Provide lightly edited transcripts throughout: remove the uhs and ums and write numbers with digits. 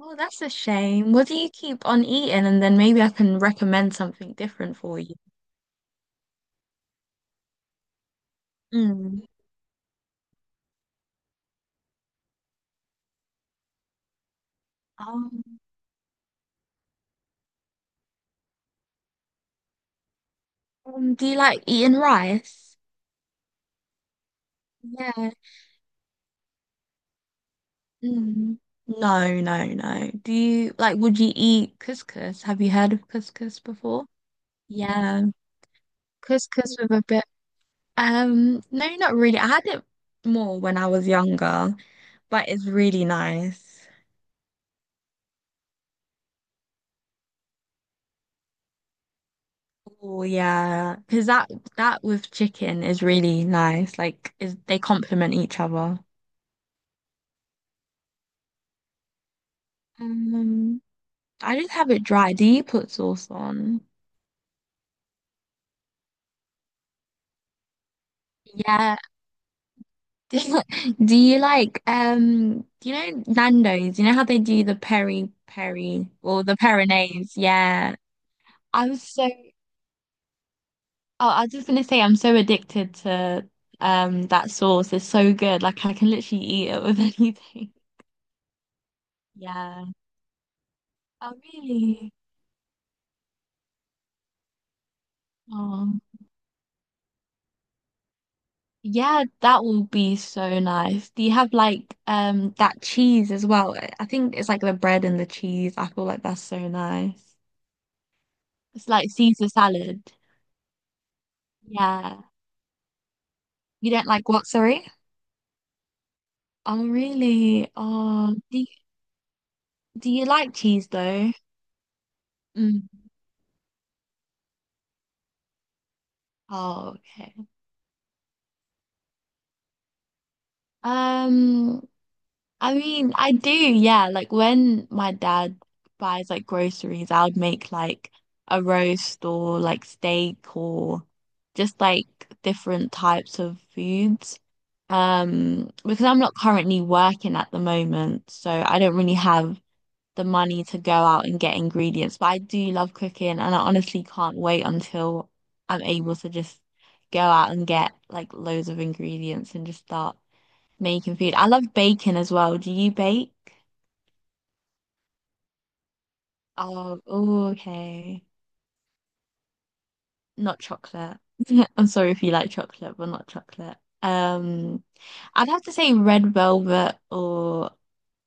Oh, that's a shame. What do you keep on eating? And then maybe I can recommend something different for you. Mm. Um, do you like eating rice? Yeah. Mm. No, no, no. Do you like, would you eat couscous? Have you heard of couscous before? Yeah, couscous with a bit. No, not really. I had it more when I was younger, but it's really nice. Oh yeah, because that with chicken is really nice. Like, is they complement each other. Um, I just have it dry. Do you put sauce on? Yeah. Do you like um? Do you know Nando's? You know how they do the peri peri or the peronaise? Yeah. I was so. Oh, I was just gonna say I'm so addicted to that sauce. It's so good. Like I can literally eat it with anything. Yeah. Oh really? Oh. Yeah, that will be so nice. Do you have like that cheese as well? I think it's like the bread and the cheese. I feel like that's so nice. It's like Caesar salad. Yeah. You don't like what, sorry? Oh, really? Oh, do you like cheese though? Mm. Oh, okay. Um, I mean, I do, yeah. Like when my dad buys like groceries, I would make like a roast or like steak or just like different types of foods. Because I'm not currently working at the moment, so I don't really have the money to go out and get ingredients. But I do love cooking, and I honestly can't wait until I'm able to just go out and get like loads of ingredients and just start making food. I love baking as well. Do you bake? Oh, ooh, okay. Not chocolate. I'm sorry if you like chocolate, but not chocolate. Um, I'd have to say red velvet or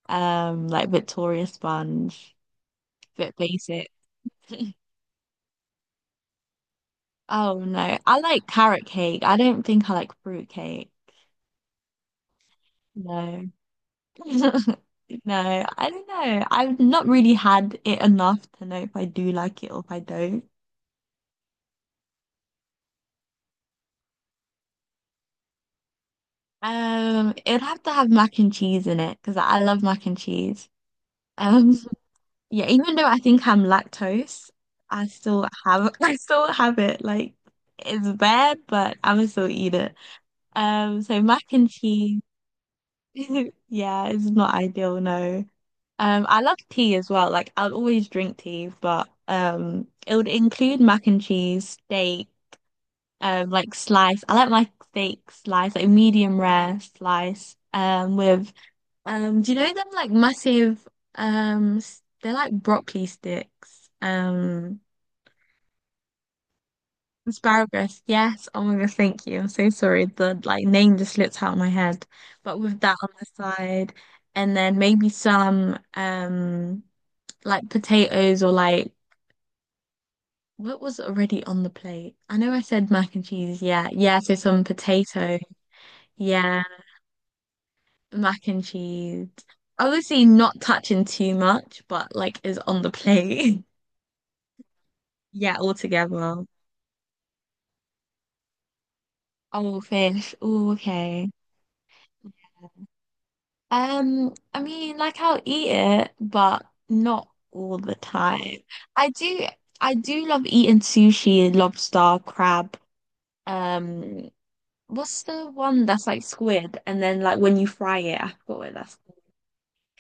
like Victoria sponge. Bit basic. Oh no. I like carrot cake. I don't think I like fruit cake. No. No, I don't know. I've not really had it enough to know if I do like it or if I don't. It'd have to have mac and cheese in it because I love mac and cheese. Um, yeah, even though I think I'm lactose, I still have I still have it. Like it's bad, but I would still eat it. So mac and cheese, yeah, it's not ideal, no. I love tea as well. Like I'll always drink tea, but it would include mac and cheese, steak, like slice. I like my steak slice, like medium rare slice, with do you know them like massive they're like broccoli sticks. Asparagus. Yes. Oh my gosh, thank you. I'm so sorry. The like name just slipped out of my head. But with that on the side and then maybe some like potatoes or like what was already on the plate? I know I said mac and cheese, yeah. Yeah, so some potato, yeah, mac and cheese. Obviously not touching too much, but like is on the plate. Yeah, all together. Oh, fish. Oh, okay. I mean, like I'll eat it, but not all the time. I do, I do love eating sushi, lobster, crab. Um, what's the one that's like squid, and then like when you fry it, I forgot what that's called.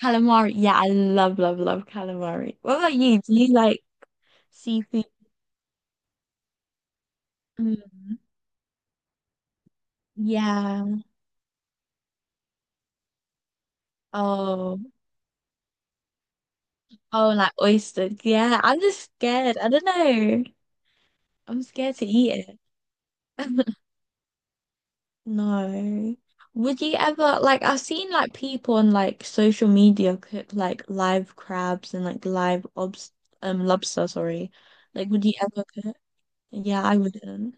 Calamari. Yeah, I love, love, love calamari. What about you? Do you like seafood? Mm, yeah. Oh. Oh, like oysters. Yeah, I'm just scared. I don't know. I'm scared to eat it. No. Would you ever like I've seen like people on like social media cook like live crabs and like live obs lobster, sorry. Like would you ever cook? Yeah, I wouldn't.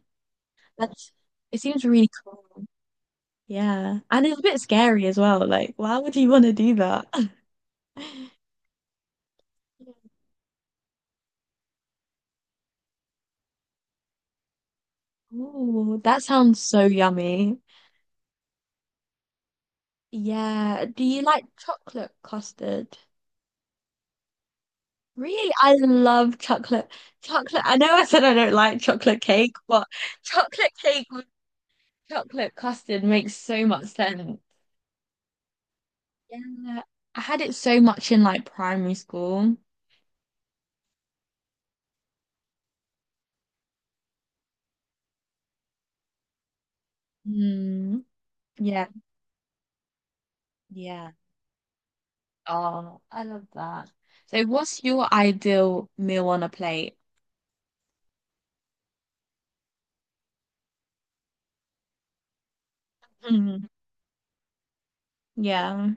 That's it seems really cool. Yeah. And it's a bit scary as well. Like, why would you want to do that? Oh, that sounds so yummy. Yeah. Do you like chocolate custard? Really? I love chocolate. Chocolate. I know I said I don't like chocolate cake, but chocolate cake with chocolate custard makes so much sense. Yeah. I had it so much in like primary school. Mm, yeah. Yeah. Oh, I love that. So what's your ideal meal on a plate? Mm, yeah.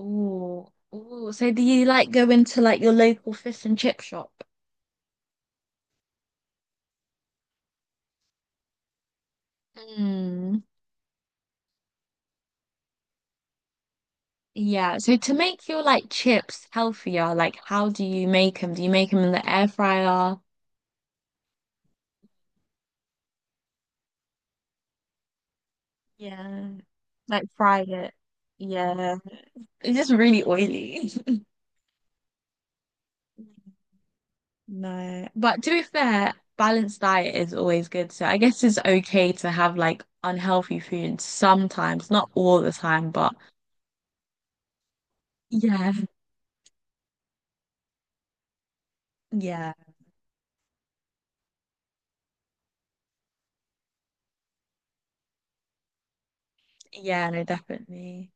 Ooh. Ooh. So do you like go into like your local fish and chip shop? Mm. Yeah, so to make your like chips healthier, like how do you make them? Do you make them in the air fryer? Yeah, like fry it. Yeah, it's just really oily. No. But to be fair, balanced diet is always good. So I guess it's okay to have like unhealthy food sometimes, not all the time, but yeah, yeah, yeah, no, definitely.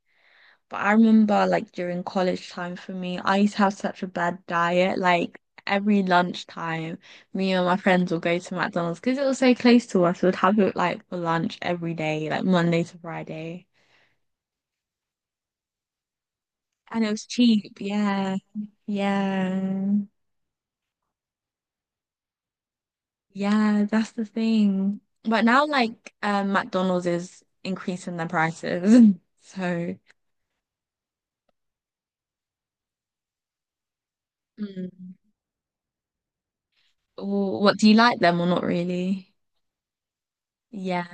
But I remember like during college time for me, I used to have such a bad diet. Like every lunchtime, me and my friends would go to McDonald's because it was so close to us. We'd have it like for lunch every day, like Monday to Friday. And it was cheap. Yeah. Yeah. Yeah, that's the thing. But now like McDonald's is increasing their prices. So, mm. Or what do you like them or not really? Yeah.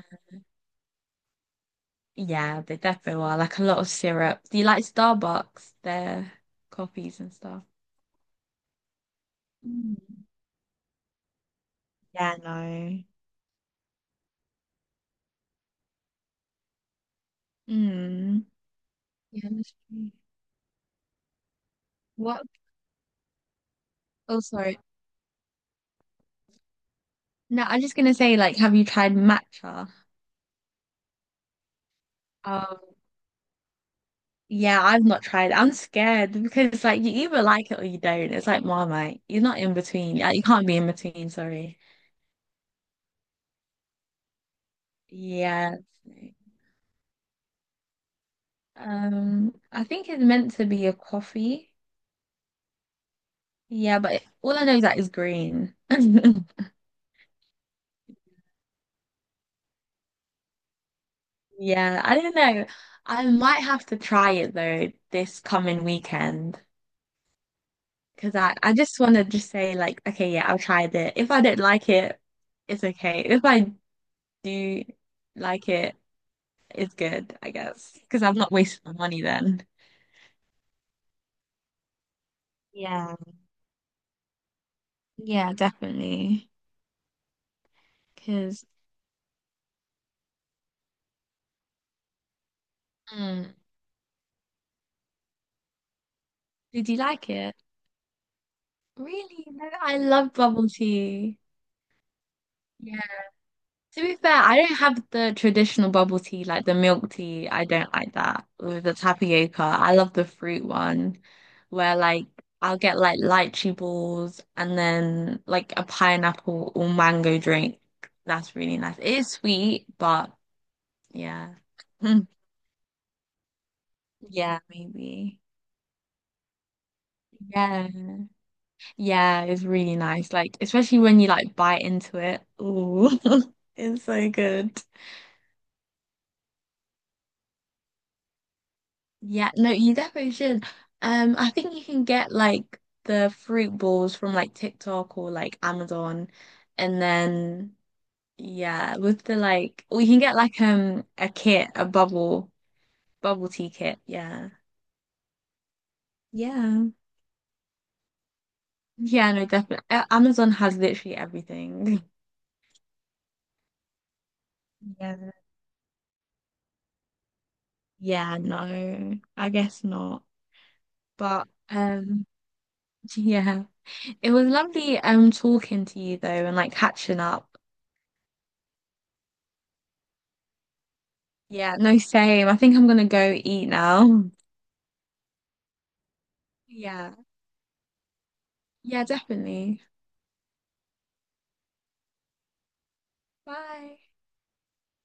Yeah, they definitely are. Like a lot of syrup. Do you like Starbucks, their coffees and stuff? Mm. Yeah, no. Mm. Yeah, that's true. What? Oh, sorry. No, I'm just gonna say, like, have you tried matcha? Um, Yeah, I've not tried it. I'm scared because it's like you either like it or you don't. It's like Marmite. You're not in between. Yeah, you can't be in between, sorry. Yeah. I think it's meant to be a coffee. Yeah, but all I know is that it's green. Yeah, I don't know. I might have to try it though this coming weekend because I just want to just say like, okay, yeah, I'll try it. If I don't like it, it's okay. If I do like it, it's good, I guess, because I've not wasted my money then. Yeah. Yeah, definitely. Because mm. Did you like it? Really? No, I love bubble tea. To be fair, I don't have the traditional bubble tea, like the milk tea. I don't like that with the tapioca. I love the fruit one where like I'll get like lychee balls and then like a pineapple or mango drink. That's really nice. It is sweet, but yeah. Hmm. Yeah, maybe. Yeah. Yeah, it's really nice. Like especially when you like bite into it. Ooh, it's so good. Yeah, no, you definitely should. I think you can get like the fruit balls from like TikTok or like Amazon, and then yeah, with the like, or you can get like a kit, a bubble tea kit. Yeah, yeah, yeah. No, definitely. Amazon has literally everything. Yeah, yeah. No, I guess not. But yeah, it was lovely talking to you though, and like catching up. Yeah, no, same. I think I'm gonna go eat now. Yeah. Yeah, definitely. Bye.